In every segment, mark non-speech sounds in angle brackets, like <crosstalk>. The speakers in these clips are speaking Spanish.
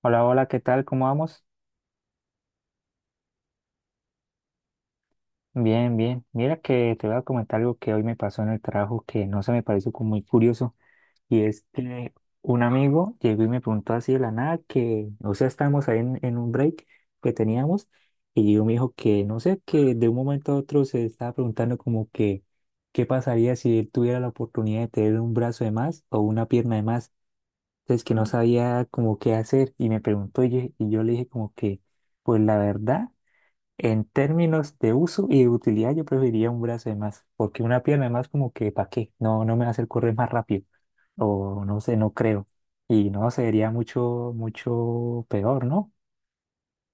Hola, hola, ¿qué tal? ¿Cómo vamos? Bien, bien. Mira que te voy a comentar algo que hoy me pasó en el trabajo que no se me pareció como muy curioso. Y es que un amigo llegó y me preguntó así de la nada que, o sea, estábamos ahí en un break que teníamos y yo me dijo que, no sé, que de un momento a otro se estaba preguntando como que, ¿qué pasaría si él tuviera la oportunidad de tener un brazo de más o una pierna de más? Entonces que no sabía como qué hacer y me preguntó y yo le dije como que, pues la verdad. En términos de uso y de utilidad, yo preferiría un brazo de más, porque una pierna de más como que, ¿para qué? No, no me va a hacer correr más rápido, o no sé, no creo. Y no, sería mucho, mucho peor, ¿no?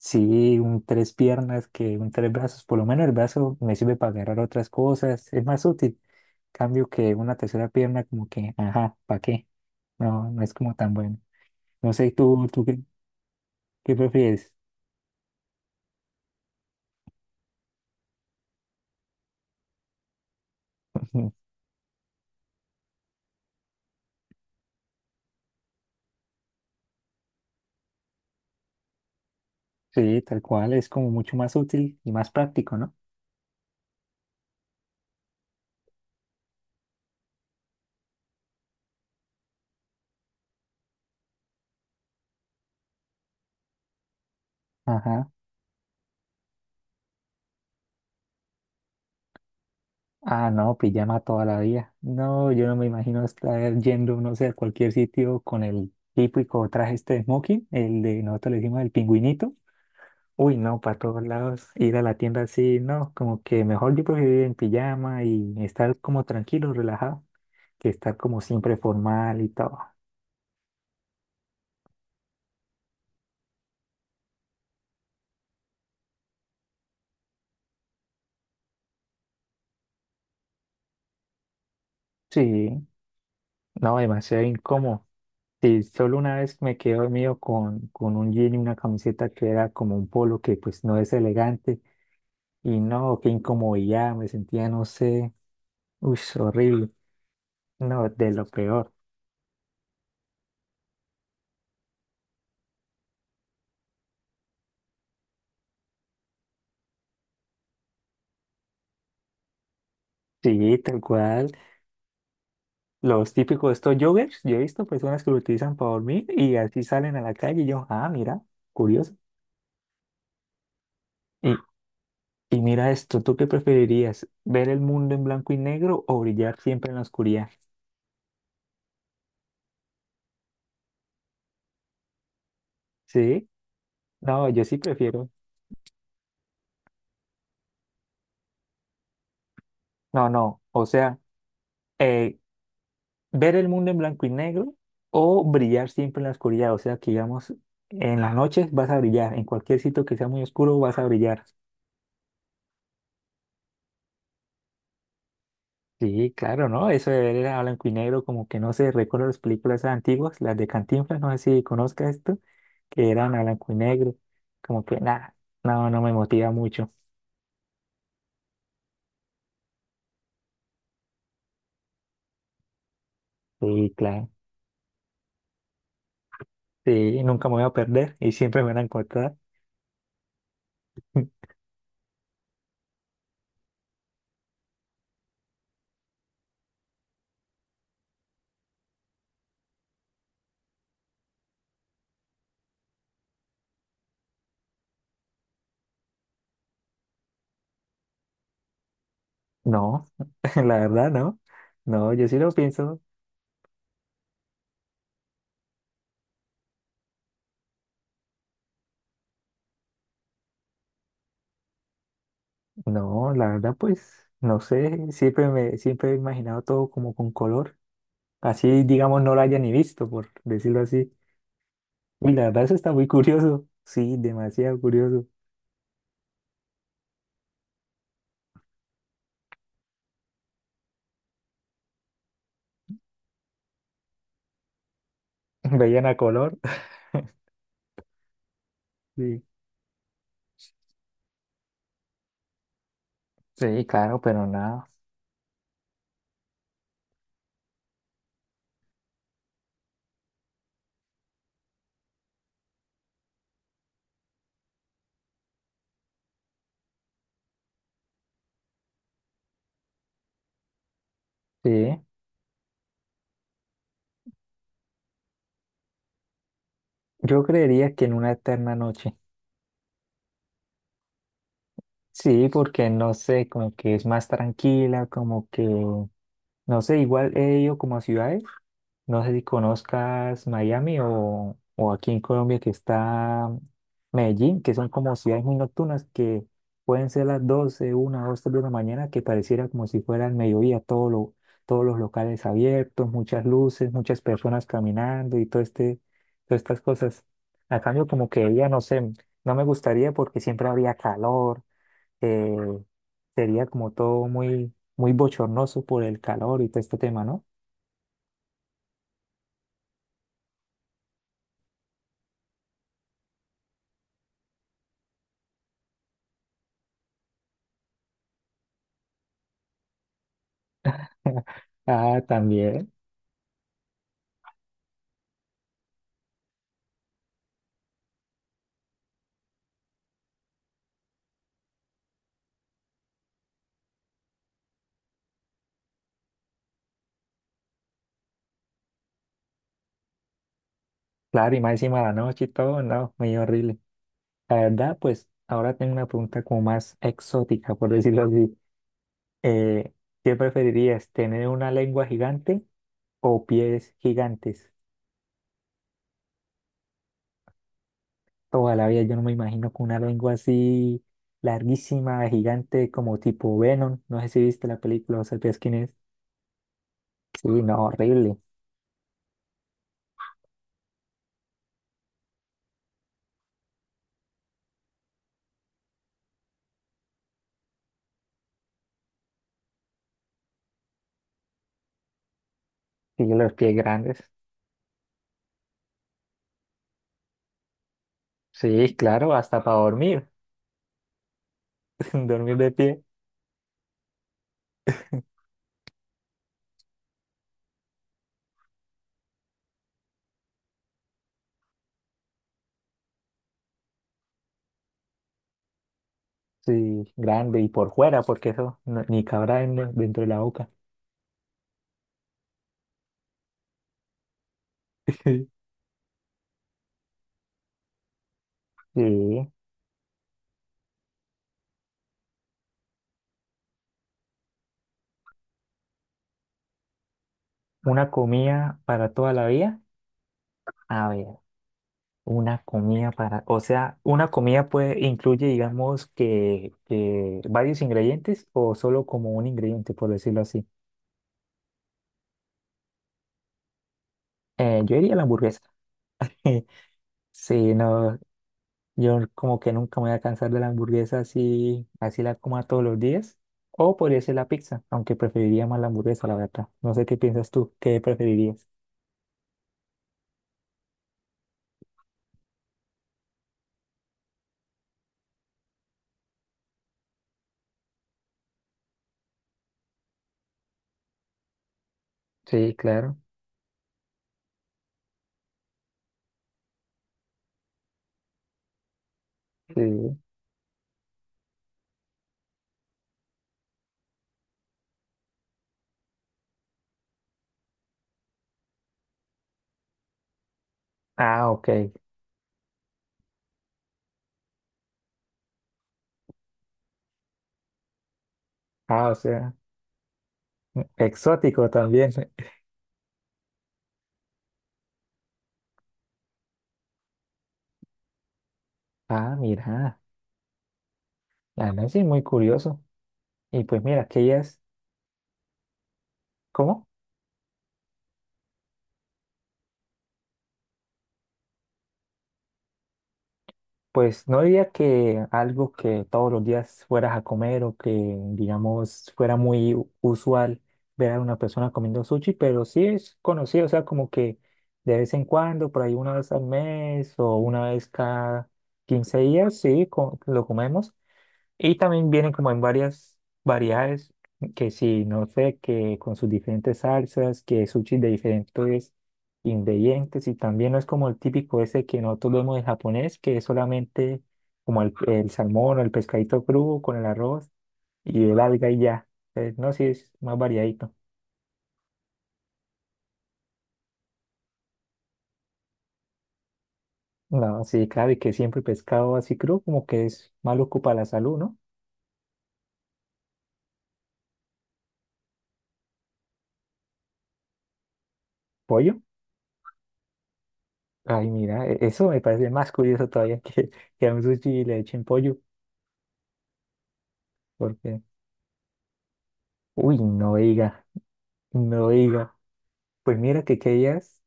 Sí, un tres piernas que un tres brazos, por lo menos el brazo me sirve para agarrar otras cosas, es más útil. Cambio que una tercera pierna como que, ajá, ¿para qué? No, no es como tan bueno. No sé, ¿tú qué, qué prefieres? <laughs> Sí, tal cual, es como mucho más útil y más práctico, ¿no? Ajá. Ah, no, pijama toda la vida. No, yo no me imagino estar yendo, no sé, a cualquier sitio con el típico traje este de smoking, el de nosotros le decimos el pingüinito. Uy, no, para todos lados, ir a la tienda así, no, como que mejor yo prefiero ir en pijama y estar como tranquilo, relajado, que estar como siempre formal y todo. Sí, no, demasiado incómodo. Sí, solo una vez me quedé dormido con un jean y una camiseta que era como un polo que pues no es elegante. Y no, qué incomodidad, me sentía, no sé, uy, horrible, no, de lo peor. Sí, tal cual, los típicos estos joggers, yo he visto personas que lo utilizan para dormir y así salen a la calle y yo, ah, mira, curioso. Y, y mira esto, ¿tú qué preferirías? ¿Ver el mundo en blanco y negro o brillar siempre en la oscuridad? Sí, no, yo sí prefiero, no, no, o sea, eh, ver el mundo en blanco y negro o brillar siempre en la oscuridad. O sea, que digamos, en las noches vas a brillar, en cualquier sitio que sea muy oscuro vas a brillar. Sí, claro, ¿no? Eso de ver a blanco y negro, como que no sé, recuerdo las películas antiguas, las de Cantinflas, no sé si conozca esto, que eran a blanco y negro, como que nada, no, no me motiva mucho. Sí, claro, sí, nunca me voy a perder y siempre me van a encontrar. No, <laughs> la verdad, no. No, yo sí lo pienso. No, la verdad, pues, no sé, siempre me, siempre he imaginado todo como con color. Así, digamos, no lo haya ni visto, por decirlo así. Y la verdad, eso está muy curioso. Sí, demasiado curioso. <laughs> Veían a color. <laughs> Sí, sí, claro, pero nada. Sí, yo creería que en una eterna noche. Sí, porque no sé, como que es más tranquila, como que, no sé, igual he ido como a ciudades. No sé si conozcas Miami o aquí en Colombia que está Medellín, que son como ciudades muy nocturnas que pueden ser las 12, 1, 2, 3 de la mañana, que pareciera como si fuera el mediodía, todos los locales abiertos, muchas luces, muchas personas caminando y todo este, todas estas cosas. A cambio, como que ella, no sé, no me gustaría porque siempre habría calor, eh, sería como todo muy, muy bochornoso por el calor y todo este tema, ¿no? <laughs> Ah, también. Claro, y más encima de la noche y todo, no, medio horrible. La verdad, pues ahora tengo una pregunta como más exótica, por decirlo así. Eh, ¿Qué preferirías, tener una lengua gigante o pies gigantes? Toda la vida yo no me imagino con una lengua así larguísima, gigante, como tipo Venom. No sé si viste la película o sabías quién es. Sí, no, horrible. Y los pies grandes. Sí, claro, hasta para dormir, <laughs> dormir de pie. Sí, grande y por fuera, porque eso ni cabrá dentro de la boca. <laughs> Sí, una comida para toda la vida. A ver, una comida para, o sea, una comida puede incluye, digamos, que varios ingredientes o solo como un ingrediente, por decirlo así. Yo diría la hamburguesa. <laughs> Sí, no, yo como que nunca me voy a cansar de la hamburguesa así, así la coma todos los días. O podría ser la pizza, aunque preferiría más la hamburguesa, la verdad. No sé qué piensas tú, ¿qué preferirías? Sí, claro. Sí. Ah, ok. Ah, o sea. Exótico también. Ah, mira, la verdad sí es muy curioso. Y pues mira, que ella es, ¿cómo? Pues no diría que algo que todos los días fueras a comer o que, digamos, fuera muy usual ver a una persona comiendo sushi, pero sí es conocido, o sea, como que de vez en cuando, por ahí una vez al mes o una vez cada 15 días, sí, lo comemos. Y también vienen como en varias variedades, que si, no sé, que con sus diferentes salsas, que sushi de diferentes ingredientes, y también no es como el típico ese que nosotros vemos en japonés, que es solamente como el salmón o el pescadito crudo con el arroz y el alga y ya. Entonces, no, sí es más variadito. No, sí, claro, y que siempre pescado así crudo como que es malo para la salud, ¿no? Pollo. Ay, mira, eso me parece más curioso todavía <laughs> que a un sushi le echen pollo. Porque uy, no diga, no diga. Pues mira que qué días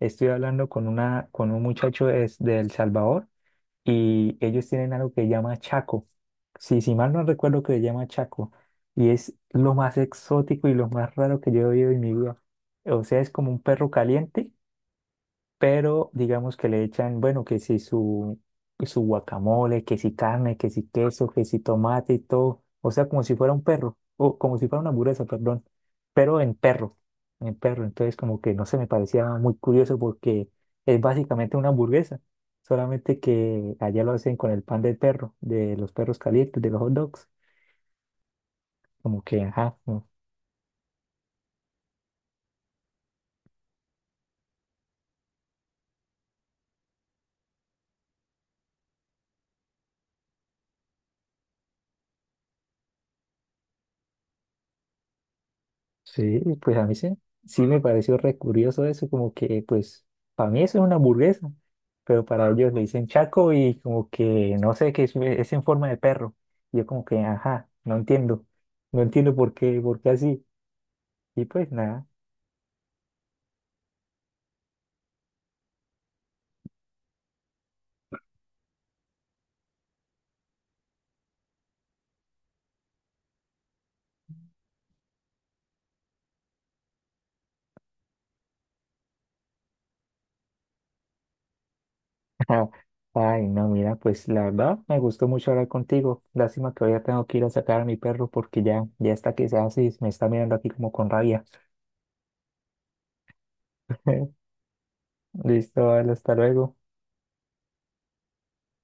estoy hablando con una, con un muchacho de El Salvador y ellos tienen algo que llama Chaco. Sí, si mal no recuerdo que le llama Chaco. Y es lo más exótico y lo más raro que yo he oído en mi vida. O sea, es como un perro caliente pero digamos que le echan, bueno, que si su, su guacamole, que si carne, que si queso, que si tomate y todo, o sea, como si fuera un perro, o como si fuera una hamburguesa, perdón, pero en perro, entonces como que no se me parecía muy curioso porque es básicamente una hamburguesa, solamente que allá lo hacen con el pan del perro, de los perros calientes, de los hot dogs, como que, ajá. Sí, pues a mí sí, sí me pareció re curioso eso, como que pues para mí eso es una hamburguesa, pero para ellos le dicen chaco y como que no sé, que es en forma de perro. Y yo como que, ajá, no entiendo, no entiendo por qué así. Y pues nada, <laughs> ay no, mira, pues la verdad me gustó mucho hablar contigo. Lástima que ahora tengo que ir a sacar a mi perro porque ya, ya está que se hace, me está mirando aquí como con rabia. <laughs> Listo, vale, hasta luego.